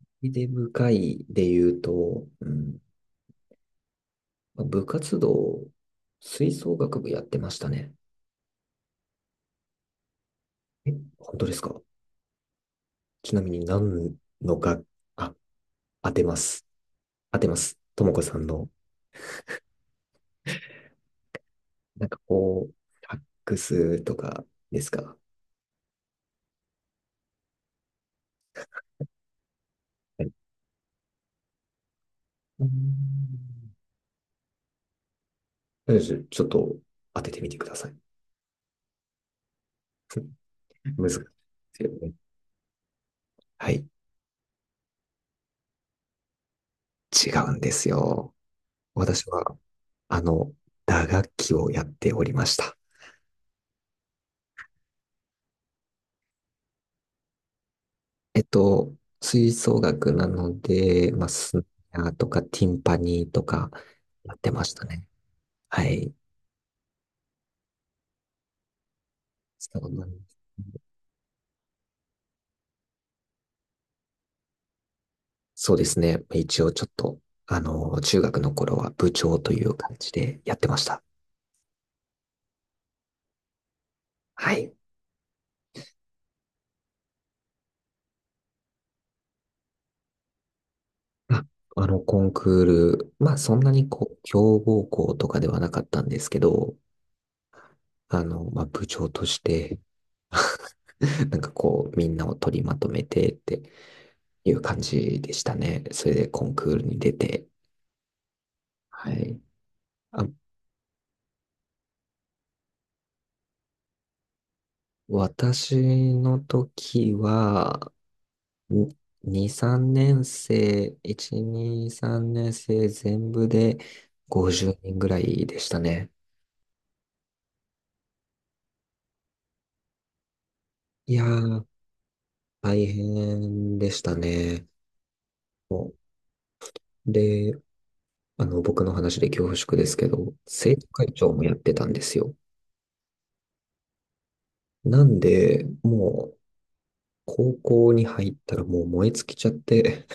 思い出深いで言うと、うん、まあ部活動、吹奏楽部やってましたね。え、本当ですか？ちなみに何のが、あ、当てます。当てます。ともこさんの、なんかこう、サックスとかですか？はい。うん。とりあえずちょっと当ててみてください。難しいですよね。はい。違うんですよ。私は、あの、打楽器をやっておりました。えっと、吹奏楽なので、まあ、スネアとかティンパニーとかやってましたね。はい。そうなんです。そうですね。一応ちょっと、中学の頃は部長という感じでやってました。はい。あ、コンクール、まあ、そんなにこう、強豪校とかではなかったんですけど、まあ、部長として、なんかこう、みんなを取りまとめてっていう感じでしたね。それでコンクールに出て、はい。あ、私の時は、ににさん2、3年生、1、2、3年生全部で50人ぐらいでしたね。いやー、大変でしたね。もう、で、僕の話で恐縮ですけど、生徒会長もやってたんですよ。なんで、もう、高校に入ったらもう燃え尽きちゃって、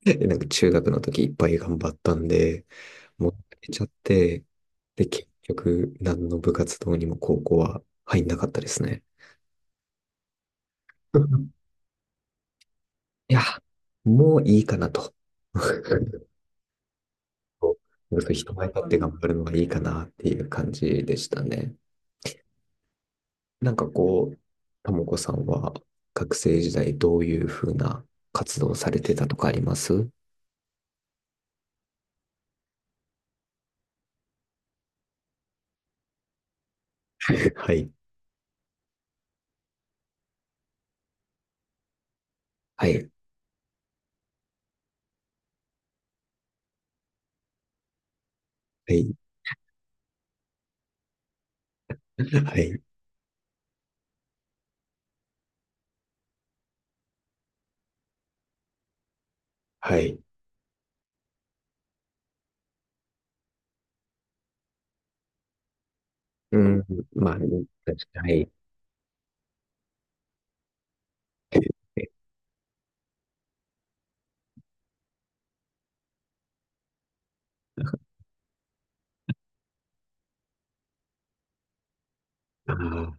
なんか中学の時いっぱい頑張ったんで、持ってれちゃって、で、結局、何の部活動にも高校は入んなかったですね。いや、もういいかなと。こそう人前立って頑張るのはいいかなっていう感じでしたね。なんかこう、ともこさんは学生時代どういうふうな活動をされてたとかあります？ はい。はい。はい。はい。はい。うん。まあ、確かに。はい。ああ、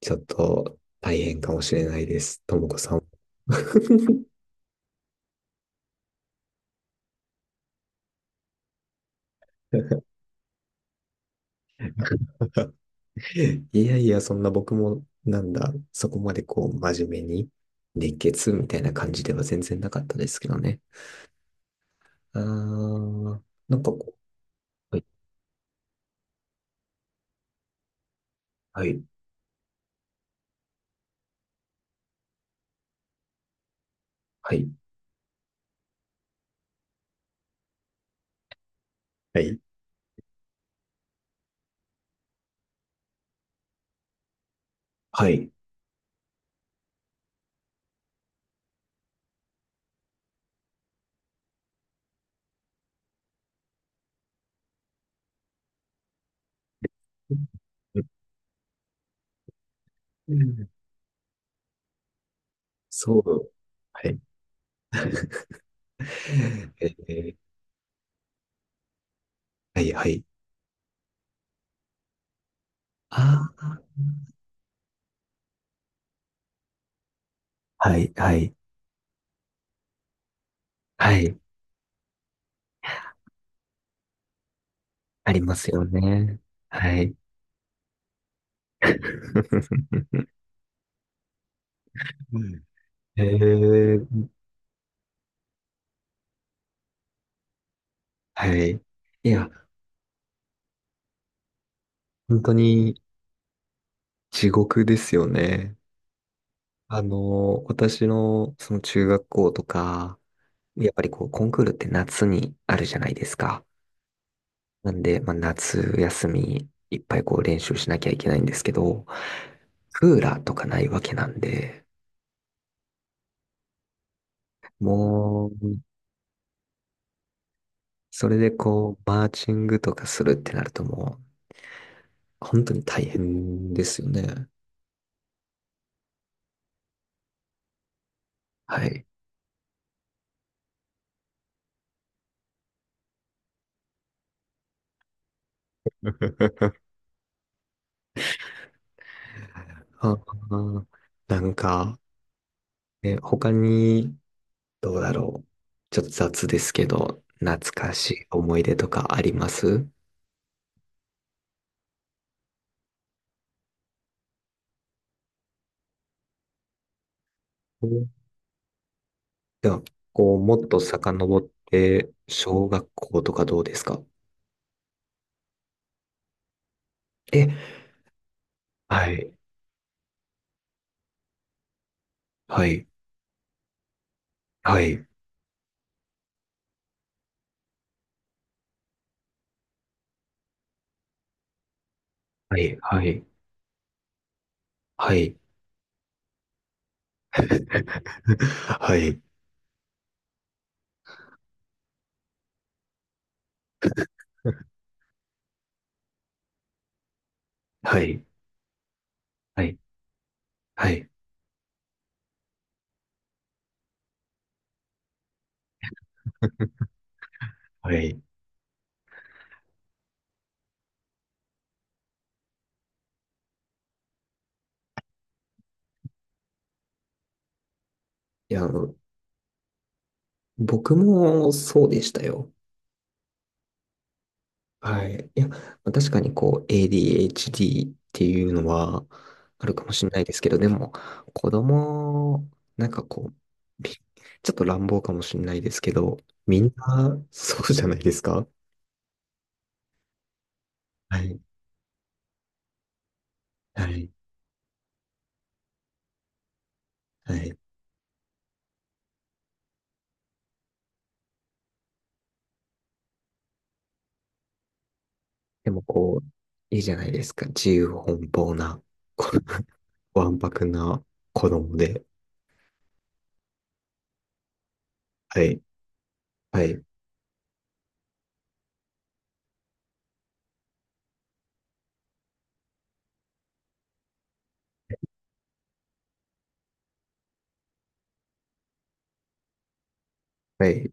ちょっと大変かもしれないです。ともこさん。いやいや、そんな僕も、なんだ、そこまでこう、真面目に、熱血みたいな感じでは全然なかったですけどね。あー、なんかこう、はい、はい、はい、はい。はい。うん。そう。はい。えーはい、はい。ああ、はい、はい、はい。ありますよね。はい。うえーはい。いや、本当に地獄ですよね。私のその中学校とか、やっぱりこうコンクールって夏にあるじゃないですか？なんで、まあ、夏休みいっぱいこう練習しなきゃいけないんですけど、クーラーとかないわけなんで、もう、それでこう、マーチングとかするってなるともう、本当に大変ですよね。はい。ああ、なんか、ね、他に、どうだろう。ちょっと雑ですけど、懐かしい思い出とかあります？うん。では、こう、もっと遡って、小学校とかどうですか？え、はい、はい、はい、はい、はい、はい、はい、はい、はい、はい。はい。いや、僕もそうでしたよ。はい。いや、まあ確かにこう ADHD っていうのはあるかもしれないですけど、でも子供、なんかこう、ちょっと乱暴かもしれないですけど、みんなそうじゃないですか？はい。はい。はい。でもこう、いいじゃないですか。自由奔放な、こうわんぱくな子供で。はい。はい。はい。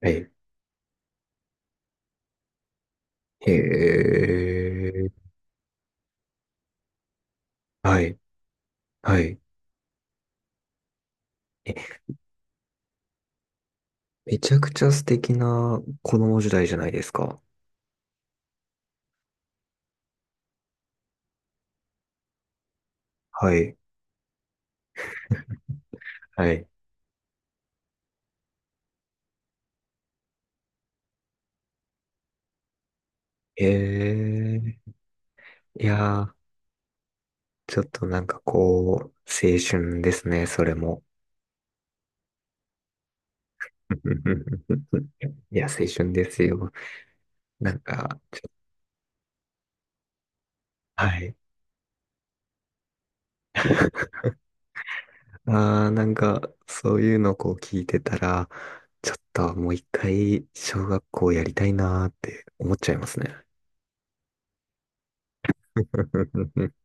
はい。へえ。はい。はい。え、めちゃくちゃ素敵な子供時代じゃないですか。はい。はい。ええ。いやー、ちょっとなんかこう、青春ですね、それも。いや、青春ですよ。なんか、はい。ああ、なんか、そういうのこう聞いてたら、ちょっともう一回、小学校やりたいなーって思っちゃいますね。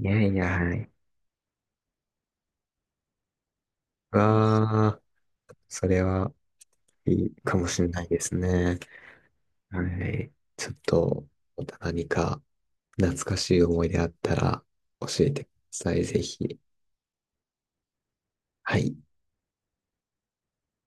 いやいや、はい。わあ、それはいいかもしれないですね。はい。ちょっと、また何か懐かしい思い出あったら教えてください、ぜひ。はい。